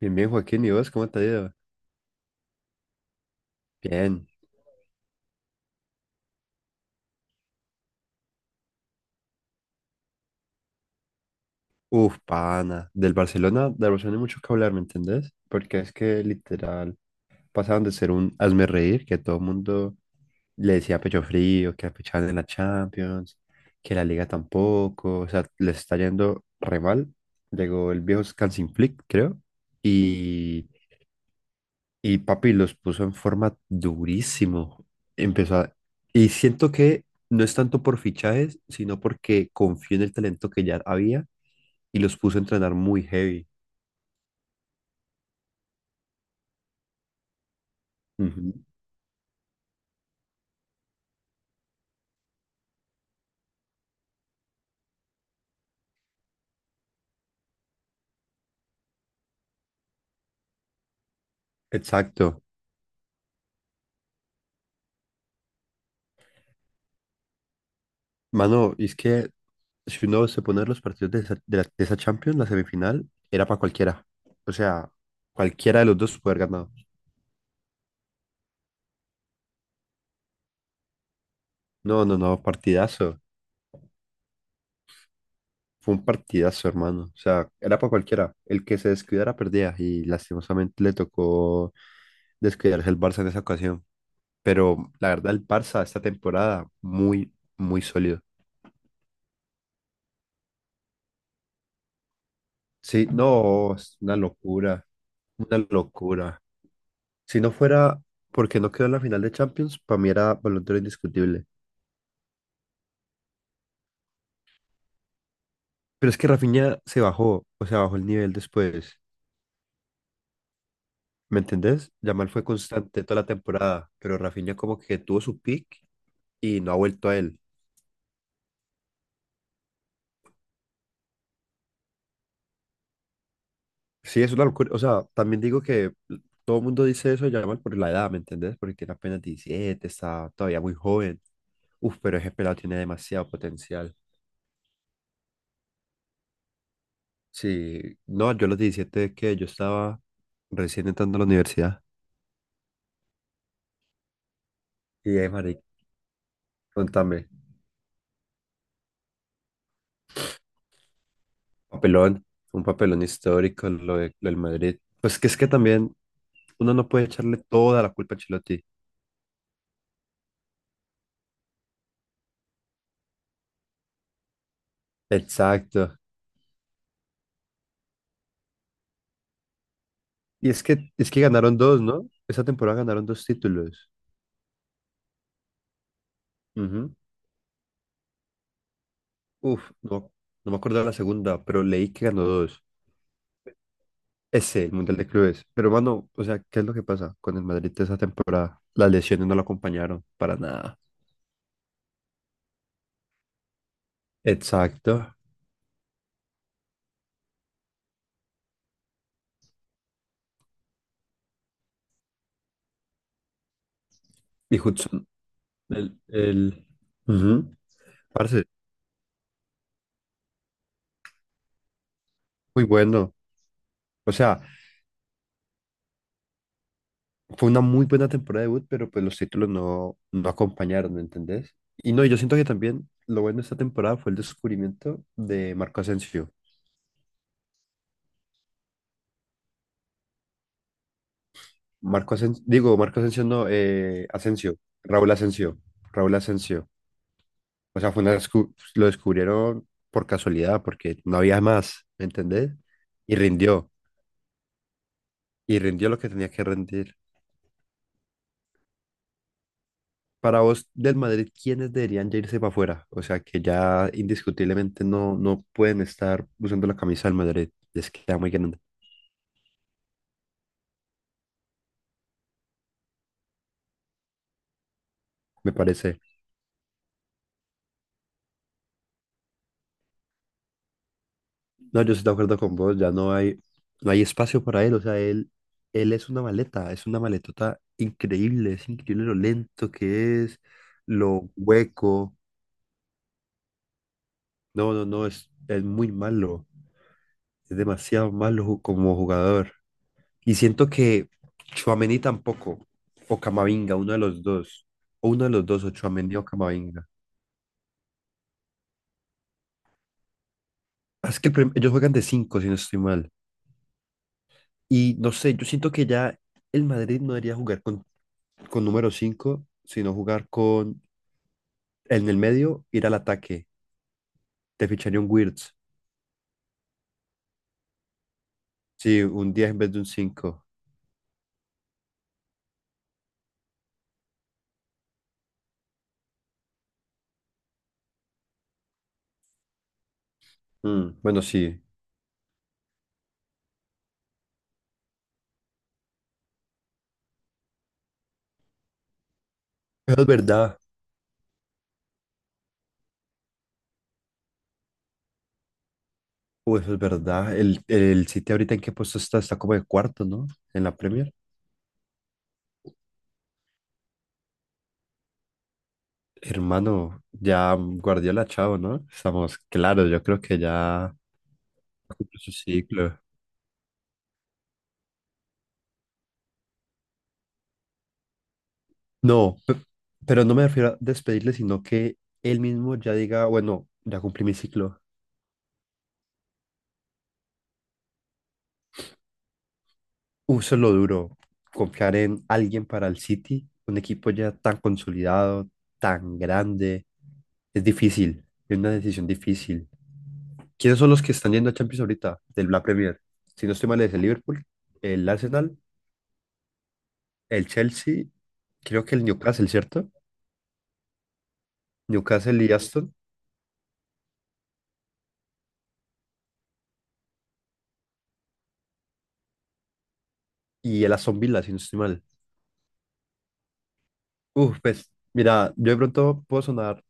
Bien, bien, Joaquín, ¿y vos cómo te ha ido? Bien. Uf, pana. Del Barcelona hay mucho que hablar, ¿me entendés? Porque es que literal pasaron de ser un hazme reír, que todo el mundo le decía pecho frío, que apechaban en la Champions, que la Liga tampoco, o sea, les está yendo re mal. Llegó el viejo Hansi Flick, creo, y Y papi los puso en forma durísimo. Empezó a- Y siento que no es tanto por fichajes, sino porque confió en el talento que ya había y los puso a entrenar muy heavy. Ujú. Exacto. Mano, y es que si uno se pone a los partidos de esa Champions, la semifinal, era para cualquiera. O sea, cualquiera de los dos puede haber ganado. No, no, no, partidazo. Fue un partidazo, hermano. O sea, era para cualquiera. El que se descuidara perdía y lastimosamente le tocó descuidarse el Barça en esa ocasión. Pero la verdad, el Barça esta temporada muy, muy sólido. Sí, no, es una locura, una locura. Si no fuera porque no quedó en la final de Champions, para mí era balón de oro indiscutible. Pero es que Rafinha se bajó, o sea, bajó el nivel después. ¿Me entendés? Yamal fue constante toda la temporada, pero Rafinha como que tuvo su pick y no ha vuelto a él. Sí, es una locura. O sea, también digo que todo el mundo dice eso, ya mal por la edad, ¿me entendés? Porque tiene apenas 17, está todavía muy joven. Uf, pero ese pelado tiene demasiado potencial. Sí, no, yo a los 17 es que yo estaba recién entrando a la universidad. Y Mari, contame, papelón, un papelón histórico, lo del Madrid. Pues que es que también uno no puede echarle toda la culpa a Ancelotti. Exacto. Y es que ganaron dos, ¿no? Esa temporada ganaron dos títulos. Uf, no, no me acuerdo de la segunda, pero leí que ganó dos. Ese, el Mundial de Clubes. Pero, mano, o sea, ¿qué es lo que pasa con el Madrid de esa temporada? Las lesiones no lo acompañaron para nada. Exacto. Y Hudson, el, el... Ujú. Parce, muy bueno. O sea, fue una muy buena temporada de debut, pero pues los títulos no acompañaron, ¿entendés? Y no, yo siento que también lo bueno de esta temporada fue el descubrimiento de Marco Asensio. Marco Asensio, digo, Marco Asensio no, Asensio, Raúl Asensio, Raúl Asensio. O sea, fue lo descubrieron por casualidad, porque no había más, ¿me entendés? Y rindió, y rindió lo que tenía que rendir. Para vos, del Madrid, ¿quiénes deberían ya irse para afuera? O sea, que ya indiscutiblemente no pueden estar usando la camisa del Madrid. Les queda muy grande, me parece. No, yo estoy de acuerdo con vos, ya no hay espacio para él, o sea, él es una maleta, es una maletota increíble, es increíble lo lento que es, lo hueco, no, no, no, es muy malo, es demasiado malo, como jugador. Y siento que Tchouaméni tampoco, o Camavinga, uno de los dos, o uno de los dos, o Tchouaméni o Camavinga. Ah, es que ellos juegan de cinco, si no estoy mal, y no sé, yo siento que ya el Madrid no debería jugar con número 5, sino jugar con en el medio, ir al ataque. Te ficharía un Wirtz. Sí, un 10 en vez de un 5. Mm, bueno, sí. Eso es verdad. Uy, eso es verdad. El City ahorita en qué puesto está, está como de cuarto, ¿no? En la Premier. Hermano, ya Guardiola, chao, ¿no? Estamos, claro, yo creo que ya cumplió su ciclo. No, pero no me refiero a despedirle, sino que él mismo ya diga, bueno, ya cumplí mi ciclo. Uso lo duro, confiar en alguien para el City, un equipo ya tan consolidado, tan grande, es difícil, es una decisión difícil. ¿Quiénes son los que están yendo a Champions ahorita del la Premier? Si no estoy mal, es el Liverpool, el Arsenal, el Chelsea, creo que el Newcastle, ¿cierto? Newcastle y Aston, y el Aston Villa, si no estoy mal. Uf, pues, mira, yo de pronto puedo sonar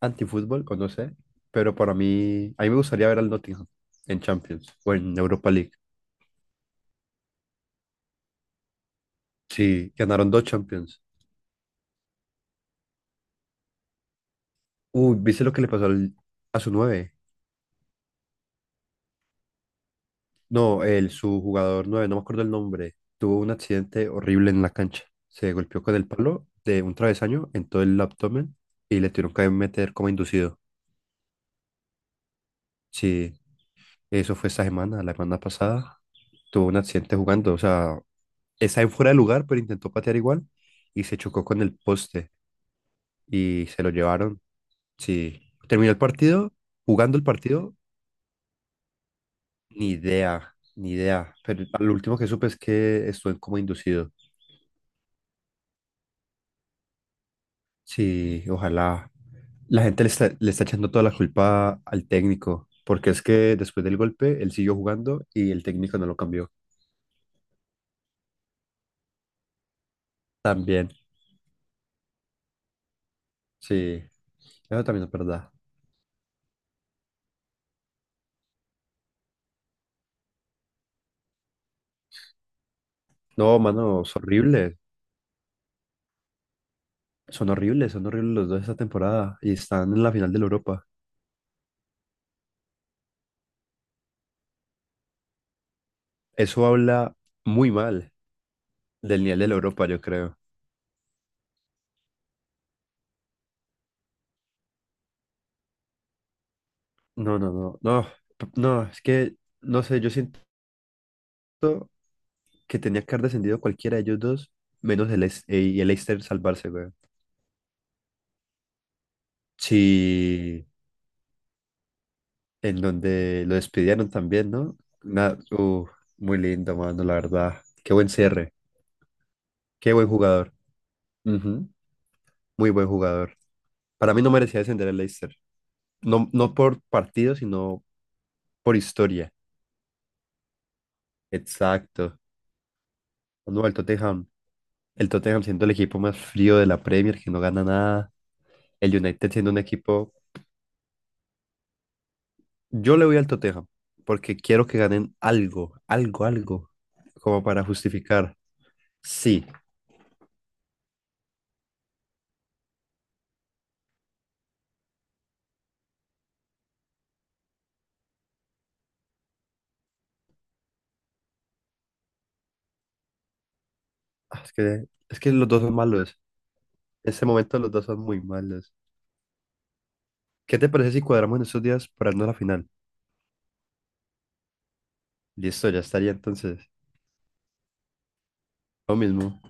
antifútbol, o no sé, pero para mí, a mí me gustaría ver al Nottingham en Champions o en Europa League. Sí, ganaron dos Champions. Uy, ¿viste lo que le pasó a su nueve? No, su jugador nueve, no me acuerdo el nombre. Tuvo un accidente horrible en la cancha. Se golpeó con el palo de un travesaño en todo el abdomen y le tuvieron que meter como inducido. Sí, eso fue esta semana, la semana pasada. Tuvo un accidente jugando, o sea, está en fuera de lugar, pero intentó patear igual y se chocó con el poste y se lo llevaron. Sí, terminó el partido, jugando el partido, ni idea, ni idea. Pero lo último que supe es que estuvo en coma inducido. Sí, ojalá. La gente le está echando toda la culpa al técnico, porque es que después del golpe él siguió jugando y el técnico no lo cambió. También, sí, eso también es verdad. No, mano, es horrible. Son horribles los dos esta temporada y están en la final de la Europa. Eso habla muy mal del nivel de la Europa, yo creo. No, no, no, no, no, es que, no sé, yo siento que tenía que haber descendido cualquiera de ellos dos, menos el, Leis- y el Leicester salvarse, güey. Sí, en donde lo despidieron también, ¿no? Una- uh, Muy lindo, mano, la verdad. Qué buen cierre, qué buen jugador. Ujú. Muy buen jugador. Para mí no merecía descender el Leicester. No, no por partido, sino por historia. Exacto. No, el Tottenham. El Tottenham siendo el equipo más frío de la Premier, que no gana nada. El United siendo un equipo. Yo le voy al Tottenham porque quiero que ganen algo, algo, algo, como para justificar. Sí, ah, es que los dos son malos. En este momento los dos son muy malos. ¿Qué te parece si cuadramos en estos días para irnos a la final? Listo, ya estaría entonces. Lo mismo.